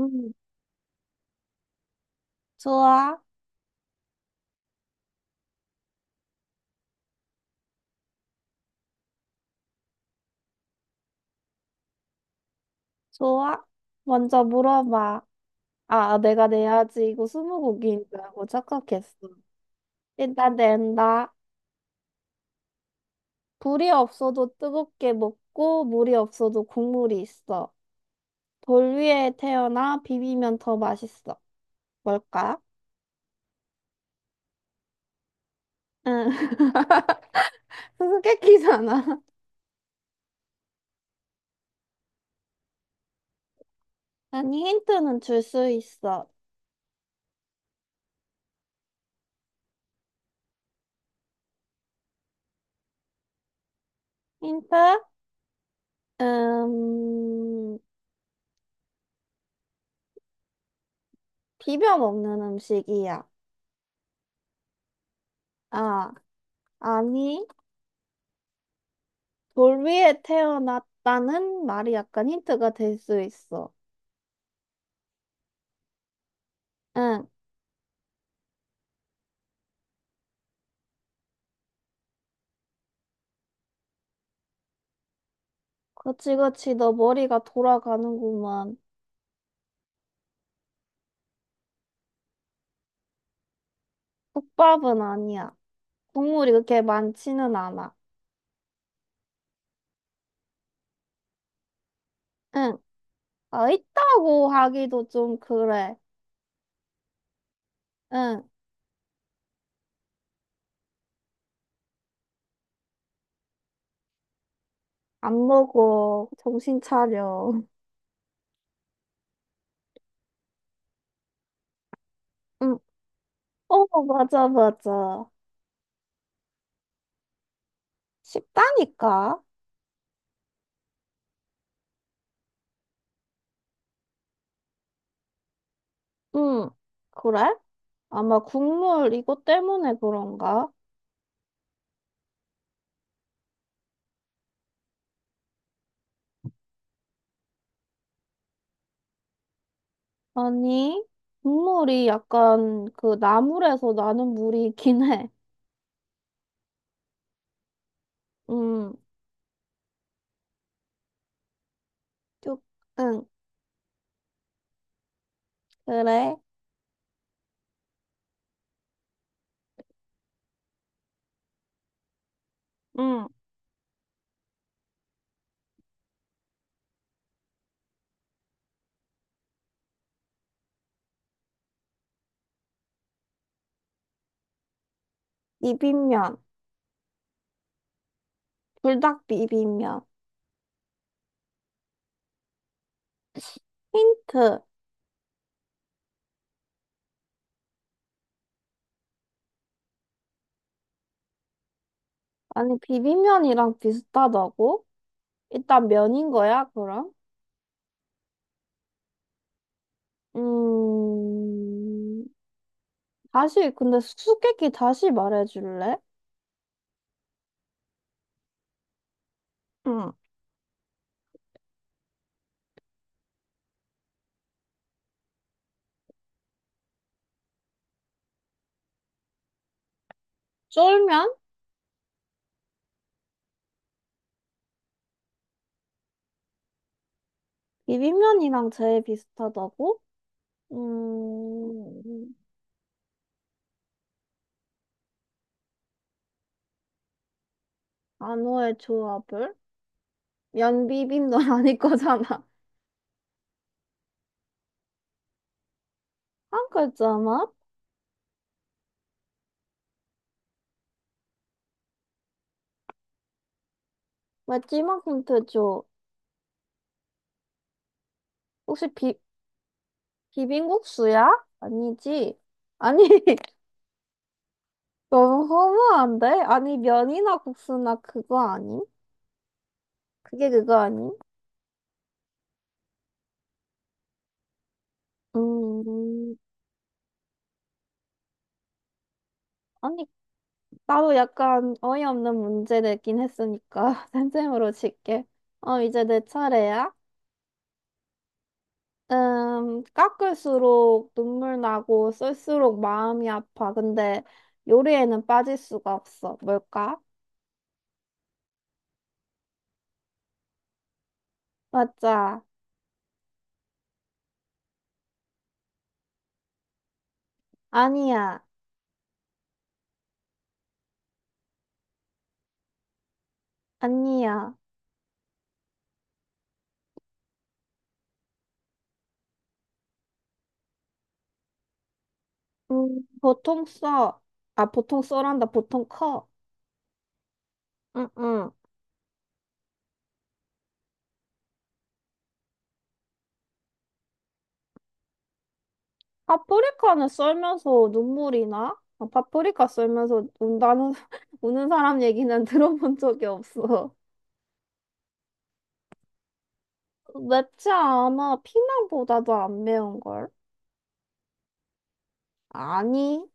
음, 좋아, 좋아. 먼저 물어봐. 아, 내가 내야지. 이거 스무고기인 줄 알고 착각했어. 일단 낸다. 불이 없어도 뜨겁게 먹고, 물이 없어도 국물이 있어. 돌 위에 태어나 비비면 더 맛있어. 뭘까? 응. 수수께끼잖아. 아니, 힌트는 줄 수 있어. 힌트? 음, 비벼 먹는 음식이야. 아, 아니. 돌 위에 태어났다는 말이 약간 힌트가 될 수 있어. 응, 그치, 그치, 너 머리가 돌아가는구만. 국밥은 아니야. 국물이 그렇게 많지는 않아. 응, 아, 있다고 하기도 좀 그래. 응, 안 먹어. 정신 차려. 응, 어, 맞아, 맞아. 쉽다니까. 응, 그래? 아마 국물 이것 때문에 그런가? 아니, 국물이 약간 그 나물에서 나는 물이긴 해. 음, 쭉, 응, 그래. 응. 비빔면, 불닭 비빔면. 힌트. 아니, 비빔면이랑 비슷하다고? 일단 면인 거야, 그럼? 음, 다시, 근데 수수께끼 다시 말해줄래? 응. 쫄면? 비빔면이랑 제일 비슷하다고? 음, 안호의 조합을? 면비빔 넌 아닐 거잖아. 한 글자만? 마지막 힌트 줘. 혹시 비, 비빔국수야? 아니지. 아니, 너무 허무한데? 아니, 면이나 국수나 그거 아니 그게 그거 아니 음, 아니, 나도 약간 어이없는 문제 내긴 했으니까, 쌤쌤으로 질게. 어, 이제 내 차례야? 깎을수록 눈물 나고 쓸수록 마음이 아파. 근데 요리에는 빠질 수가 없어. 뭘까? 맞아. 아니야. 아니야. 보통 써. 아, 보통 써란다. 보통 커. 응, 응. 파프리카는 썰면서 눈물이 나? 아, 파프리카 썰면서 운다는, 우는 사람 얘기는 들어본 적이 없어. 맵지 않아. 피망보다도 안 매운걸? 아니,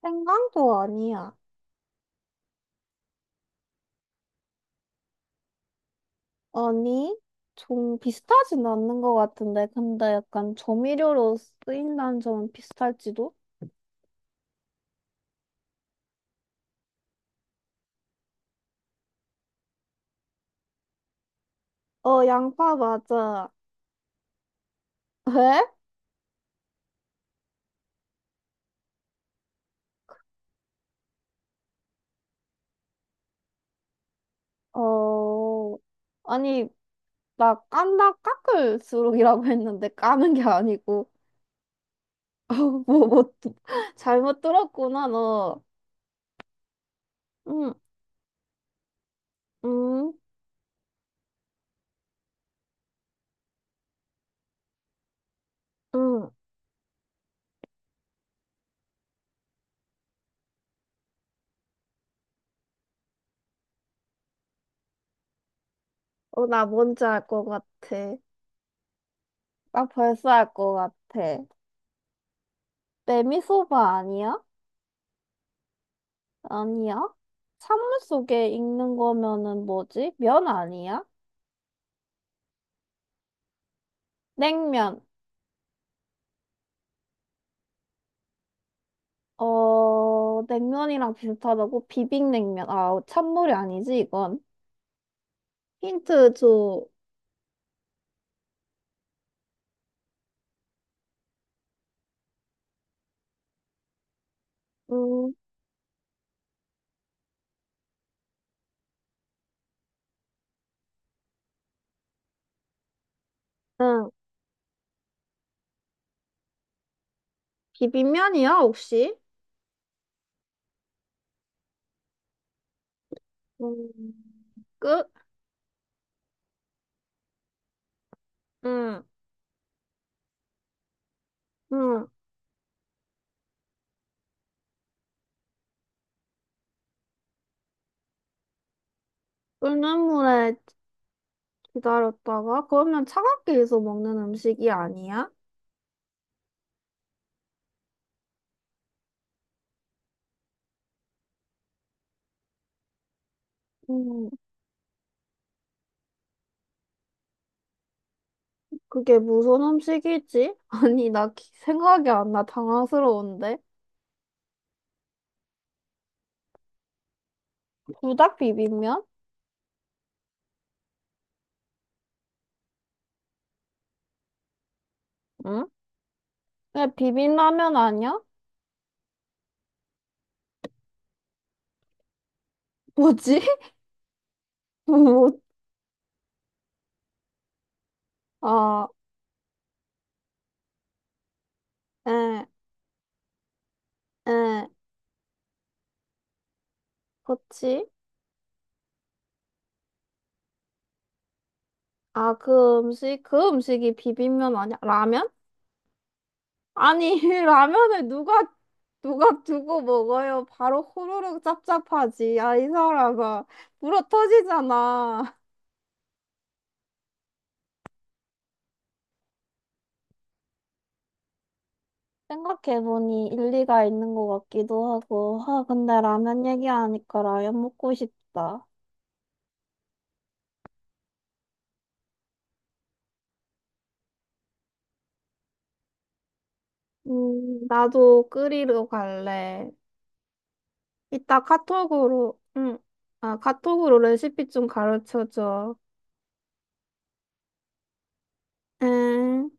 생강도 아니야. 아니, 좀 비슷하진 않는 것 같은데, 근데 약간 조미료로 쓰인다는 점은 비슷할지도? 어, 양파 맞아. 왜? 어, 아니, 나 깐다 깎을수록이라고 했는데 까는 게 아니고, 어, 뭐, 뭐, 잘못 들었구나, 너. 응, 응, 응. 어, 나 뭔지 알 것 같아. 나 벌써 알 것 같아. 메미소바 아니야? 아니야? 찬물 속에 익는 거면은 뭐지? 면 아니야? 냉면. 어, 냉면이랑 비슷하다고? 비빔냉면. 아, 찬물이 아니지, 이건. 힌트 줘. 음, 응. 비빔면이야, 혹시? 음, 끝? 응, 응. 끓는 물에 기다렸다가, 그러면 차갑게 해서 먹는 음식이 아니야? 음, 그게 무슨 음식이지? 아니, 생각이 안 나. 당황스러운데. 부닭 비빔면? 응? 왜 비빔라면 아니야? 뭐지? 뭐, 아, 에, 에, 그치? 아, 그 음식이 비빔면 아니야? 라면? 아니, 누가 두고 먹어요? 바로 호로록 짭짭하지. 야, 이 사람아. 불어 터지잖아. 생각해보니 일리가 있는 것 같기도 하고, 아, 근데 라면 얘기하니까 라면 먹고 싶다. 나도 끓이러 갈래. 이따 카톡으로, 응. 아, 카톡으로 레시피 좀 가르쳐줘. 응.